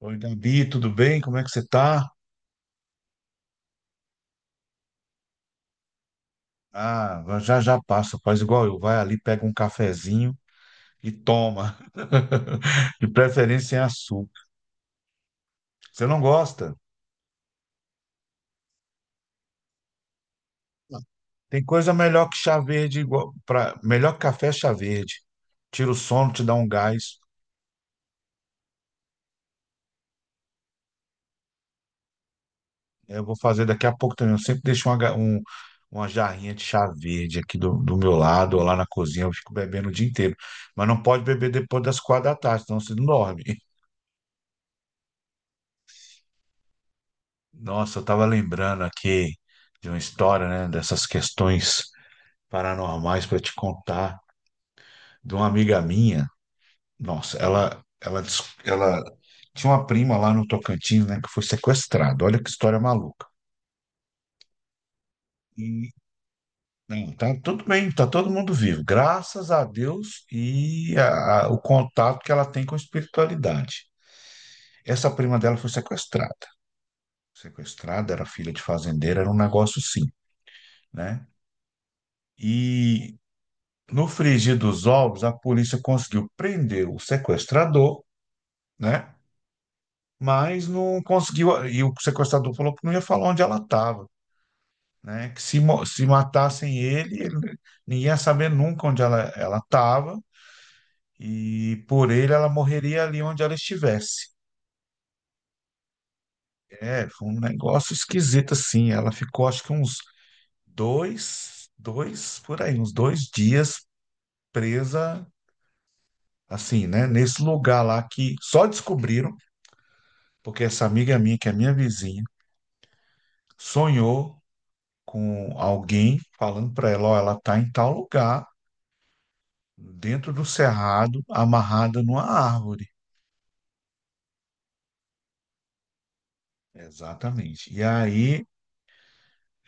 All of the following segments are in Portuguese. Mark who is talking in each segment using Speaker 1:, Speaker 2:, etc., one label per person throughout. Speaker 1: Oi, Gabi, tudo bem? Como é que você tá? Ah, já já passa, faz igual eu. Vai ali, pega um cafezinho e toma. De preferência sem açúcar. Você não gosta? Tem coisa melhor que chá verde, igual pra, melhor que café é chá verde. Tira o sono, te dá um gás. É, eu vou fazer daqui a pouco também. Eu sempre deixo uma, uma jarrinha de chá verde aqui do meu lado, ou lá na cozinha. Eu fico bebendo o dia inteiro. Mas não pode beber depois das 4 da tarde, senão você não dorme. Nossa, eu estava lembrando aqui de uma história, né, dessas questões paranormais para te contar, de uma amiga minha. Nossa, ela tinha uma prima lá no Tocantins, né, que foi sequestrada. Olha que história maluca. E não, tá tudo bem, tá todo mundo vivo, graças a Deus e o contato que ela tem com a espiritualidade. Essa prima dela foi sequestrada. Sequestrada, era filha de fazendeiro, era um negócio sim, né? E no frigir dos ovos, a polícia conseguiu prender o sequestrador, né? Mas não conseguiu. E o sequestrador falou que não ia falar onde ela estava, né? Que se, se matassem ele, ninguém ia saber nunca onde ela estava. E por ele, ela morreria ali onde ela estivesse. É, foi um negócio esquisito assim. Ela ficou, acho que uns 2 dias presa, assim, né? Nesse lugar lá que só descobriram porque essa amiga minha, que é minha vizinha, sonhou com alguém falando para ela, ó, ela tá em tal lugar, dentro do cerrado, amarrada numa árvore. Exatamente. E aí,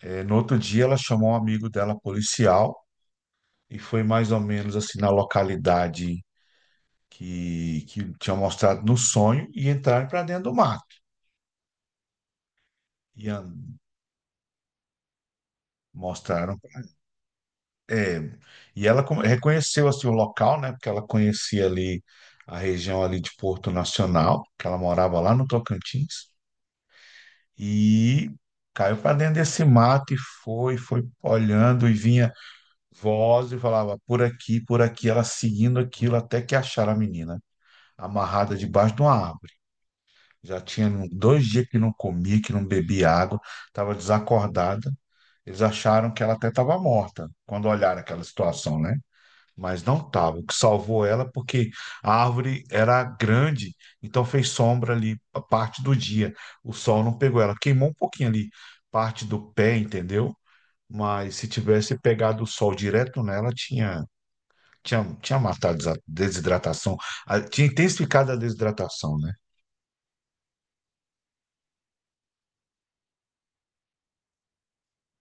Speaker 1: no outro dia, ela chamou um amigo dela, policial, e foi mais ou menos assim na localidade que tinha mostrado no sonho e entraram para dentro do mato. E an- mostraram. É, e ela reconheceu assim, o local, né? Porque ela conhecia ali a região ali de Porto Nacional, que ela morava lá no Tocantins, e caiu para dentro desse mato e foi, foi olhando e vinha voz e falava por aqui, ela seguindo aquilo até que acharam a menina amarrada debaixo de uma árvore. Já tinha 2 dias que não comia, que não bebia água, estava desacordada. Eles acharam que ela até estava morta, quando olharam aquela situação, né? Mas não estava. O que salvou ela porque a árvore era grande, então fez sombra ali a parte do dia. O sol não pegou ela, queimou um pouquinho ali parte do pé, entendeu? Mas se tivesse pegado o sol direto nela, tinha matado a desidratação, tinha intensificado a desidratação, né?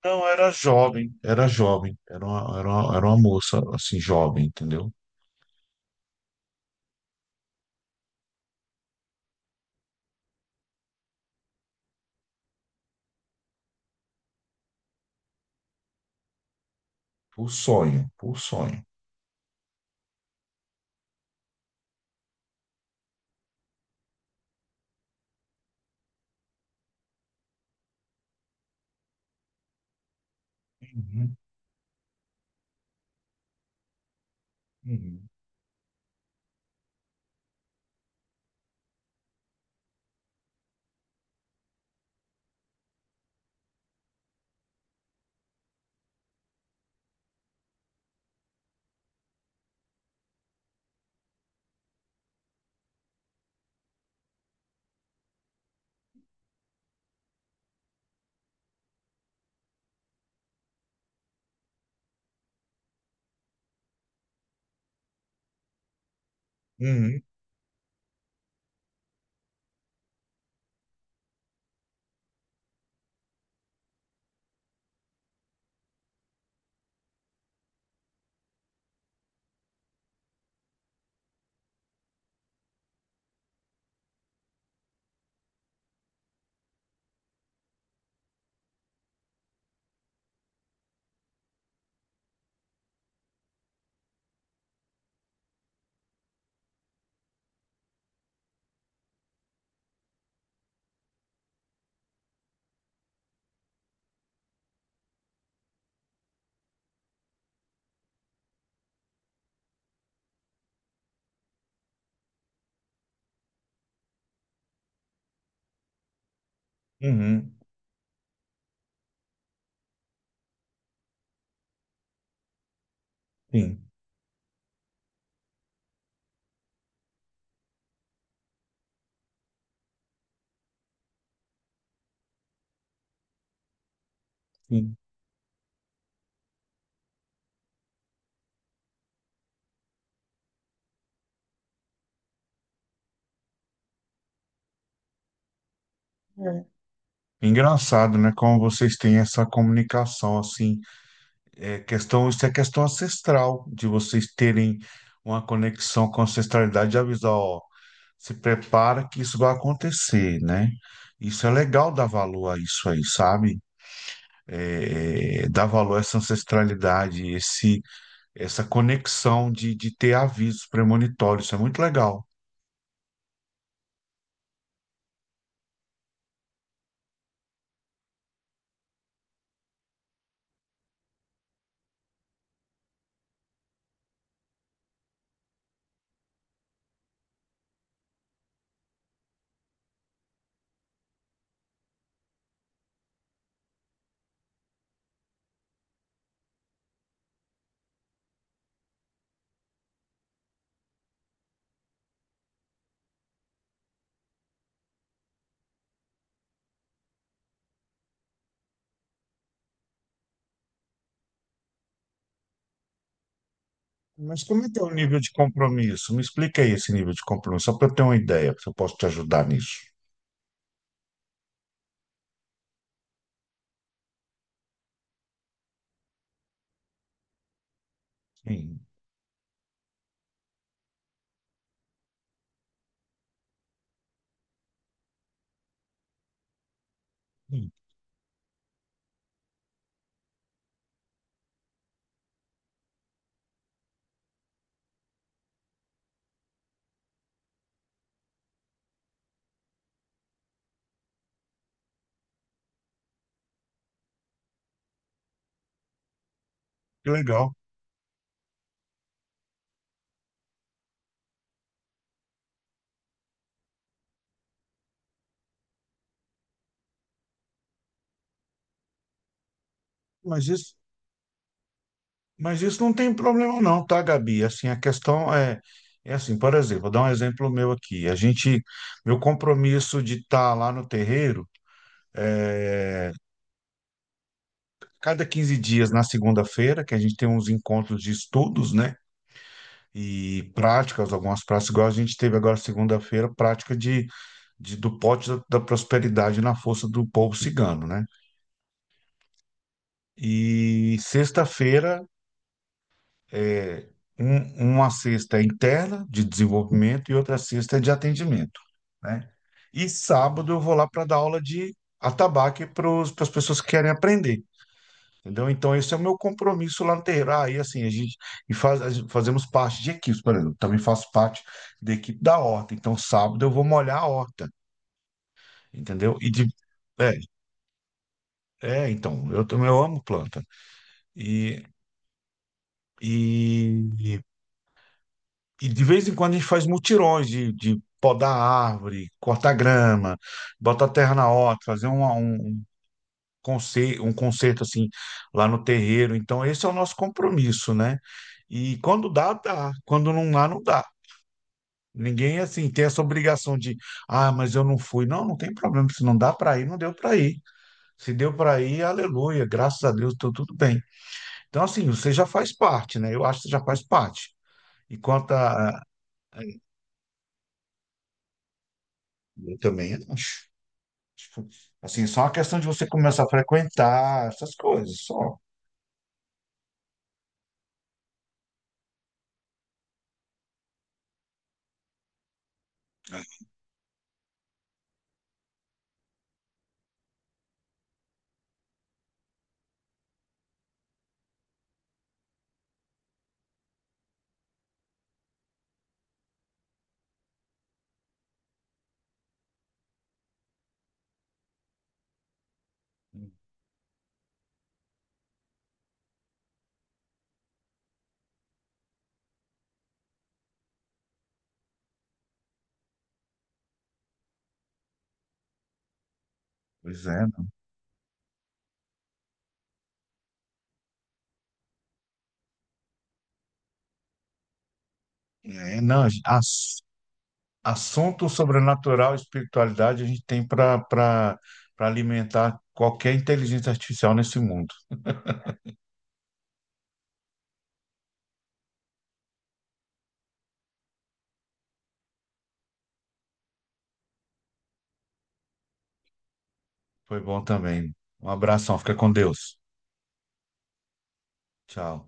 Speaker 1: Não, era jovem, era jovem, era uma moça, assim, jovem, entendeu? Por sonho, por sonho. Uhum, uhum, uhum, uhum. Sim, sim. Engraçado, né? Como vocês têm essa comunicação, assim, é questão, isso é questão ancestral, de vocês terem uma conexão com a ancestralidade de avisar, ó, se prepara que isso vai acontecer, né? Isso é legal dar valor a isso aí, sabe? É, é, dar valor a essa ancestralidade, essa conexão de ter avisos premonitórios, isso é muito legal. Mas como é que é o nível de compromisso? Me explica aí esse nível de compromisso, só para eu ter uma ideia, se eu posso te ajudar nisso. Sim, sim, que legal. Mas isso. Mas isso não tem problema não, tá, Gabi? Assim, a questão é, é assim, por exemplo, vou dar um exemplo meu aqui. A gente, meu compromisso de estar lá no terreiro, é, cada 15 dias na segunda-feira, que a gente tem uns encontros de estudos, né? E práticas, algumas práticas, igual a gente teve agora segunda-feira, prática de, do pote da prosperidade na força do povo cigano, né? E sexta-feira é, uma cesta é interna de desenvolvimento e outra cesta é de atendimento, né? E sábado eu vou lá para dar aula de atabaque para as pessoas que querem aprender, entendeu? Então esse é o meu compromisso lá no terreiro. Ah, e assim, a gente e faz, a gente- fazemos parte de equipes, por exemplo, também faço parte da equipe da horta. Então sábado eu vou molhar a horta, entendeu? E é, então, eu amo planta. E, e E de vez em quando a gente faz mutirões de podar árvore, cortar grama, botar terra na horta, fazer concerto, um concerto assim lá no terreiro. Então, esse é o nosso compromisso, né? E quando dá, dá. Quando não dá, não dá. Ninguém assim tem essa obrigação de, ah, mas eu não fui. Não, não tem problema. Se não dá para ir, não deu para ir. Se deu para ir, aleluia, graças a Deus, tô tudo bem. Então, assim, você já faz parte, né? Eu acho que você já faz parte. E quanto a. Eu também acho. Tipo, assim, só uma questão de você começar a frequentar essas coisas, só. Pois é, não. É, não, assunto sobrenatural e espiritualidade a gente tem para para alimentar qualquer inteligência artificial nesse mundo. Foi bom também. Um abração, fica com Deus. Tchau.